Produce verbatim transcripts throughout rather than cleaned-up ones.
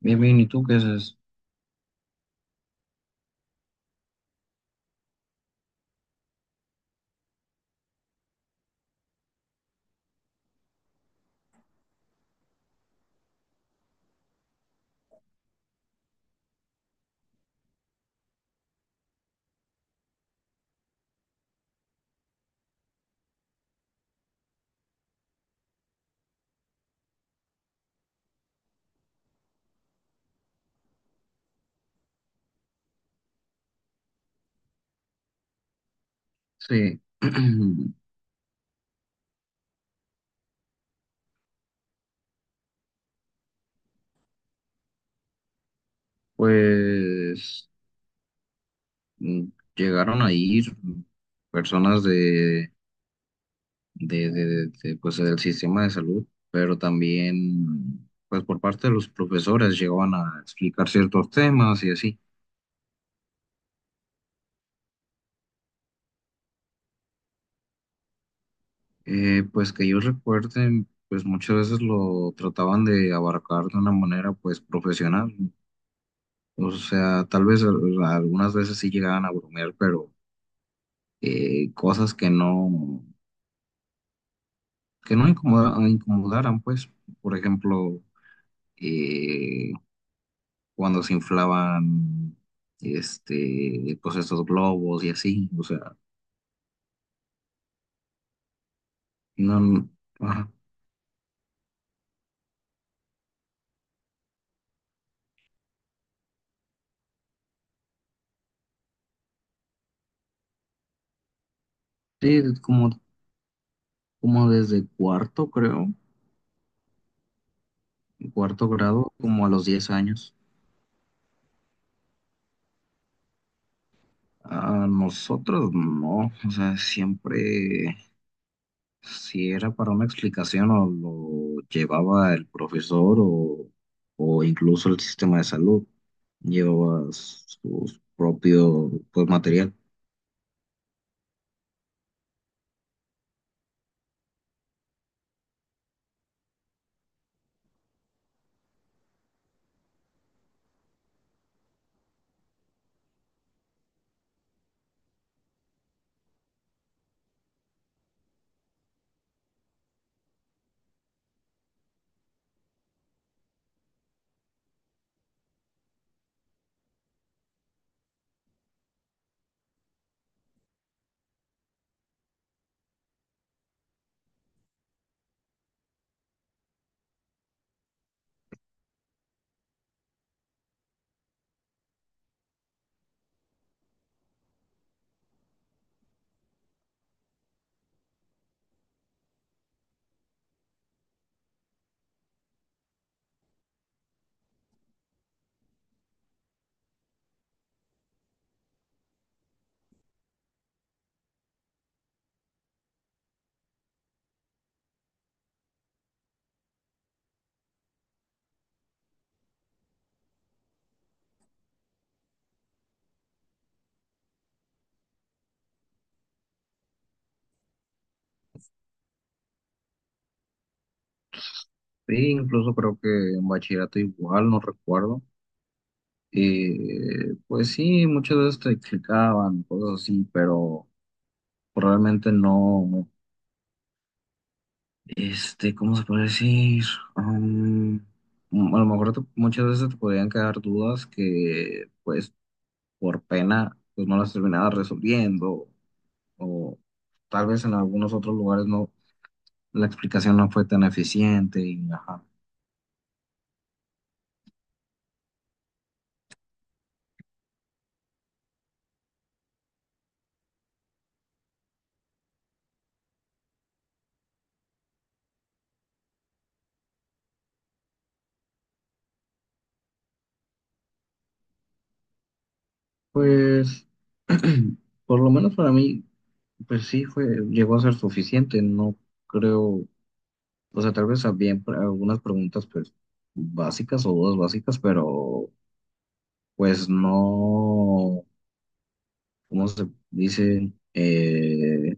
Bien, bien, ¿y tú qué haces? Sí, pues mm, llegaron a ir personas de, de, de- de, pues, del sistema de salud, pero también, pues por parte de los profesores llegaban a explicar ciertos temas y así. Eh, pues que yo recuerde, pues muchas veces lo trataban de abarcar de una manera, pues profesional. O sea, tal vez al- algunas veces sí llegaban a bromear, pero eh, cosas que no que no incomoda- incomodaran, pues, por ejemplo, eh, cuando se inflaban, este, pues estos globos y así, o sea, no, ajá. Sí, como, como desde cuarto, creo, cuarto grado, como a los diez años. A nosotros no, o sea, siempre si era para una explicación o lo llevaba el profesor o, o incluso el sistema de salud, llevaba su propio pues, material. Sí, incluso creo que en bachillerato igual, no recuerdo. Eh, pues sí, muchas veces te explicaban cosas así, pero realmente no, no. este, ¿cómo se puede decir? Am, a lo mejor te- muchas veces te podían quedar dudas que pues por pena, pues no las terminaba resolviendo, o tal vez en algunos otros lugares no, la explicación no fue tan eficiente y ajá. Pues, por lo menos para mí, pues sí fue, llegó a ser suficiente, no creo, o sea, tal vez había algunas preguntas pues básicas o dudas básicas, pero pues no. ¿Cómo se dice? Eh,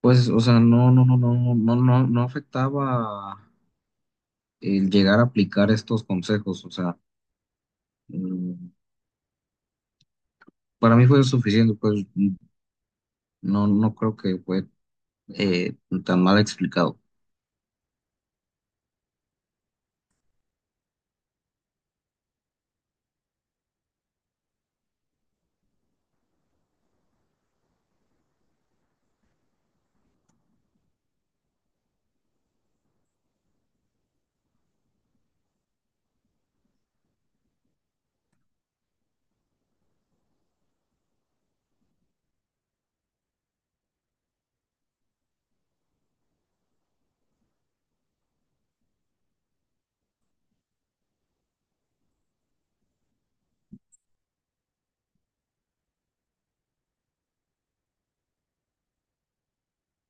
pues, o sea, no, no, no, no, no, no, no afectaba el llegar a aplicar estos consejos, o sea, mm, para mí fue suficiente, pues mm, no, no creo que fue eh, tan mal explicado.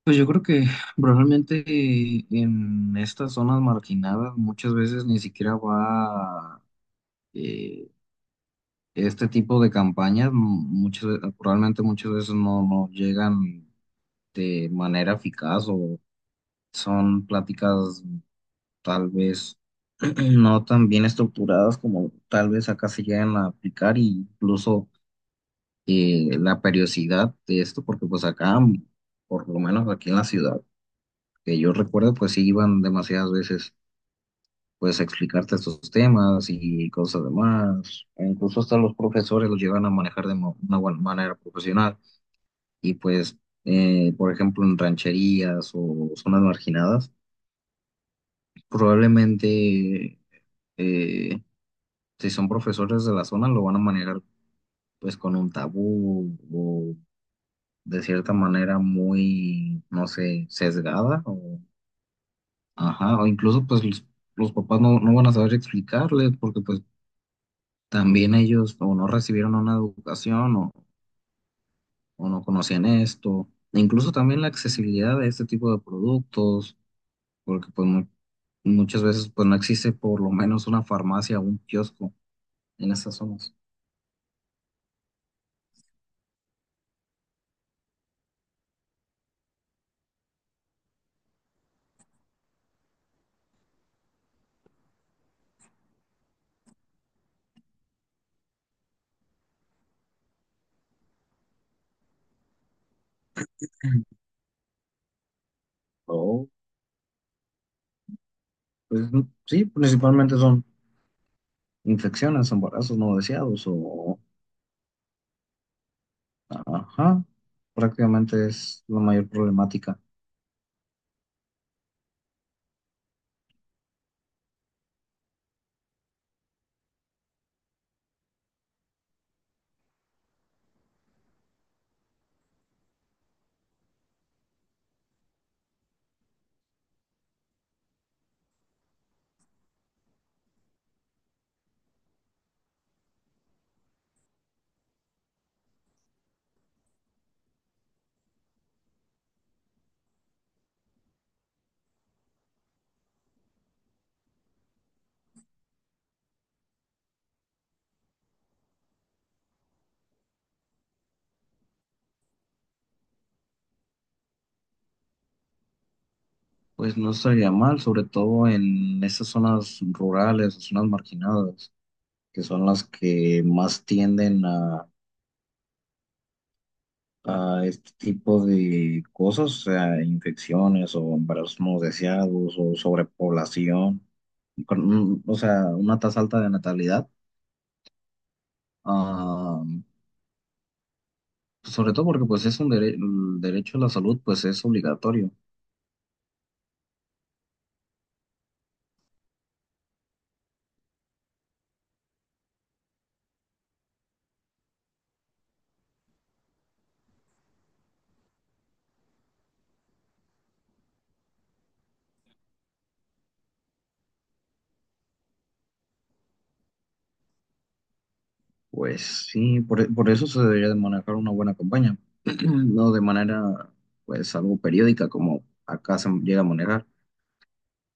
Pues yo creo que probablemente eh, en estas zonas marginadas muchas veces ni siquiera va eh, este tipo de campañas, m- muchas, ve- probablemente muchas veces no, no llegan de manera eficaz o son pláticas tal vez no tan bien estructuradas como tal vez acá se llegan a aplicar e incluso eh, la periodicidad de esto, porque pues acá, por lo menos aquí en la ciudad, que yo recuerdo, pues sí iban demasiadas veces pues a explicarte estos temas y cosas demás. E incluso hasta los profesores los llevan a manejar de mo- una buena manera profesional y pues, eh, por ejemplo, en rancherías o zonas marginadas, probablemente, eh, si son profesores de la zona, lo van a manejar pues con un tabú o de cierta manera muy, no sé, sesgada o, ajá, o incluso pues los, los papás no, no van a saber explicarles porque pues también ellos o no recibieron una educación o, o no conocían esto. E incluso también la accesibilidad de este tipo de productos, porque pues mu- muchas veces pues no existe por lo menos una farmacia o un kiosco en esas zonas. Mm. O, pues sí, principalmente son infecciones, embarazos no deseados o, ajá, prácticamente es la mayor problemática. Pues no estaría mal, sobre todo en esas zonas rurales, zonas marginadas, que son las que más tienden a, a este tipo de cosas, o sea, infecciones o embarazos no deseados o sobrepoblación, con un- o sea, una tasa alta de natalidad. Ah, pues sobre todo porque pues es un dere- el derecho a la salud, pues es obligatorio. Pues sí, por, por eso se debería de manejar una buena campaña, no de manera, pues, algo periódica como acá se llega a manejar.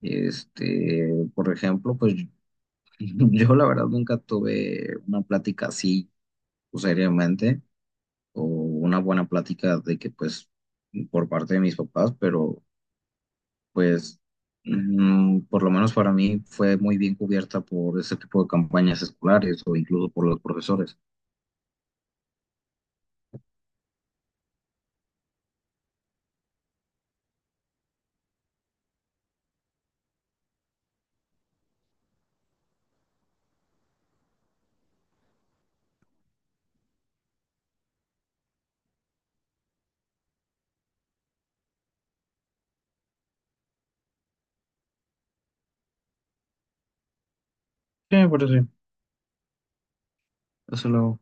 Este, por ejemplo, pues yo la verdad nunca tuve una plática así, pues, seriamente, o una buena plática de que, pues, por parte de mis papás, pero, pues, mm, por lo menos para mí fue muy bien cubierta por ese tipo de campañas escolares o incluso por los profesores. Sí, por eso, eso luego.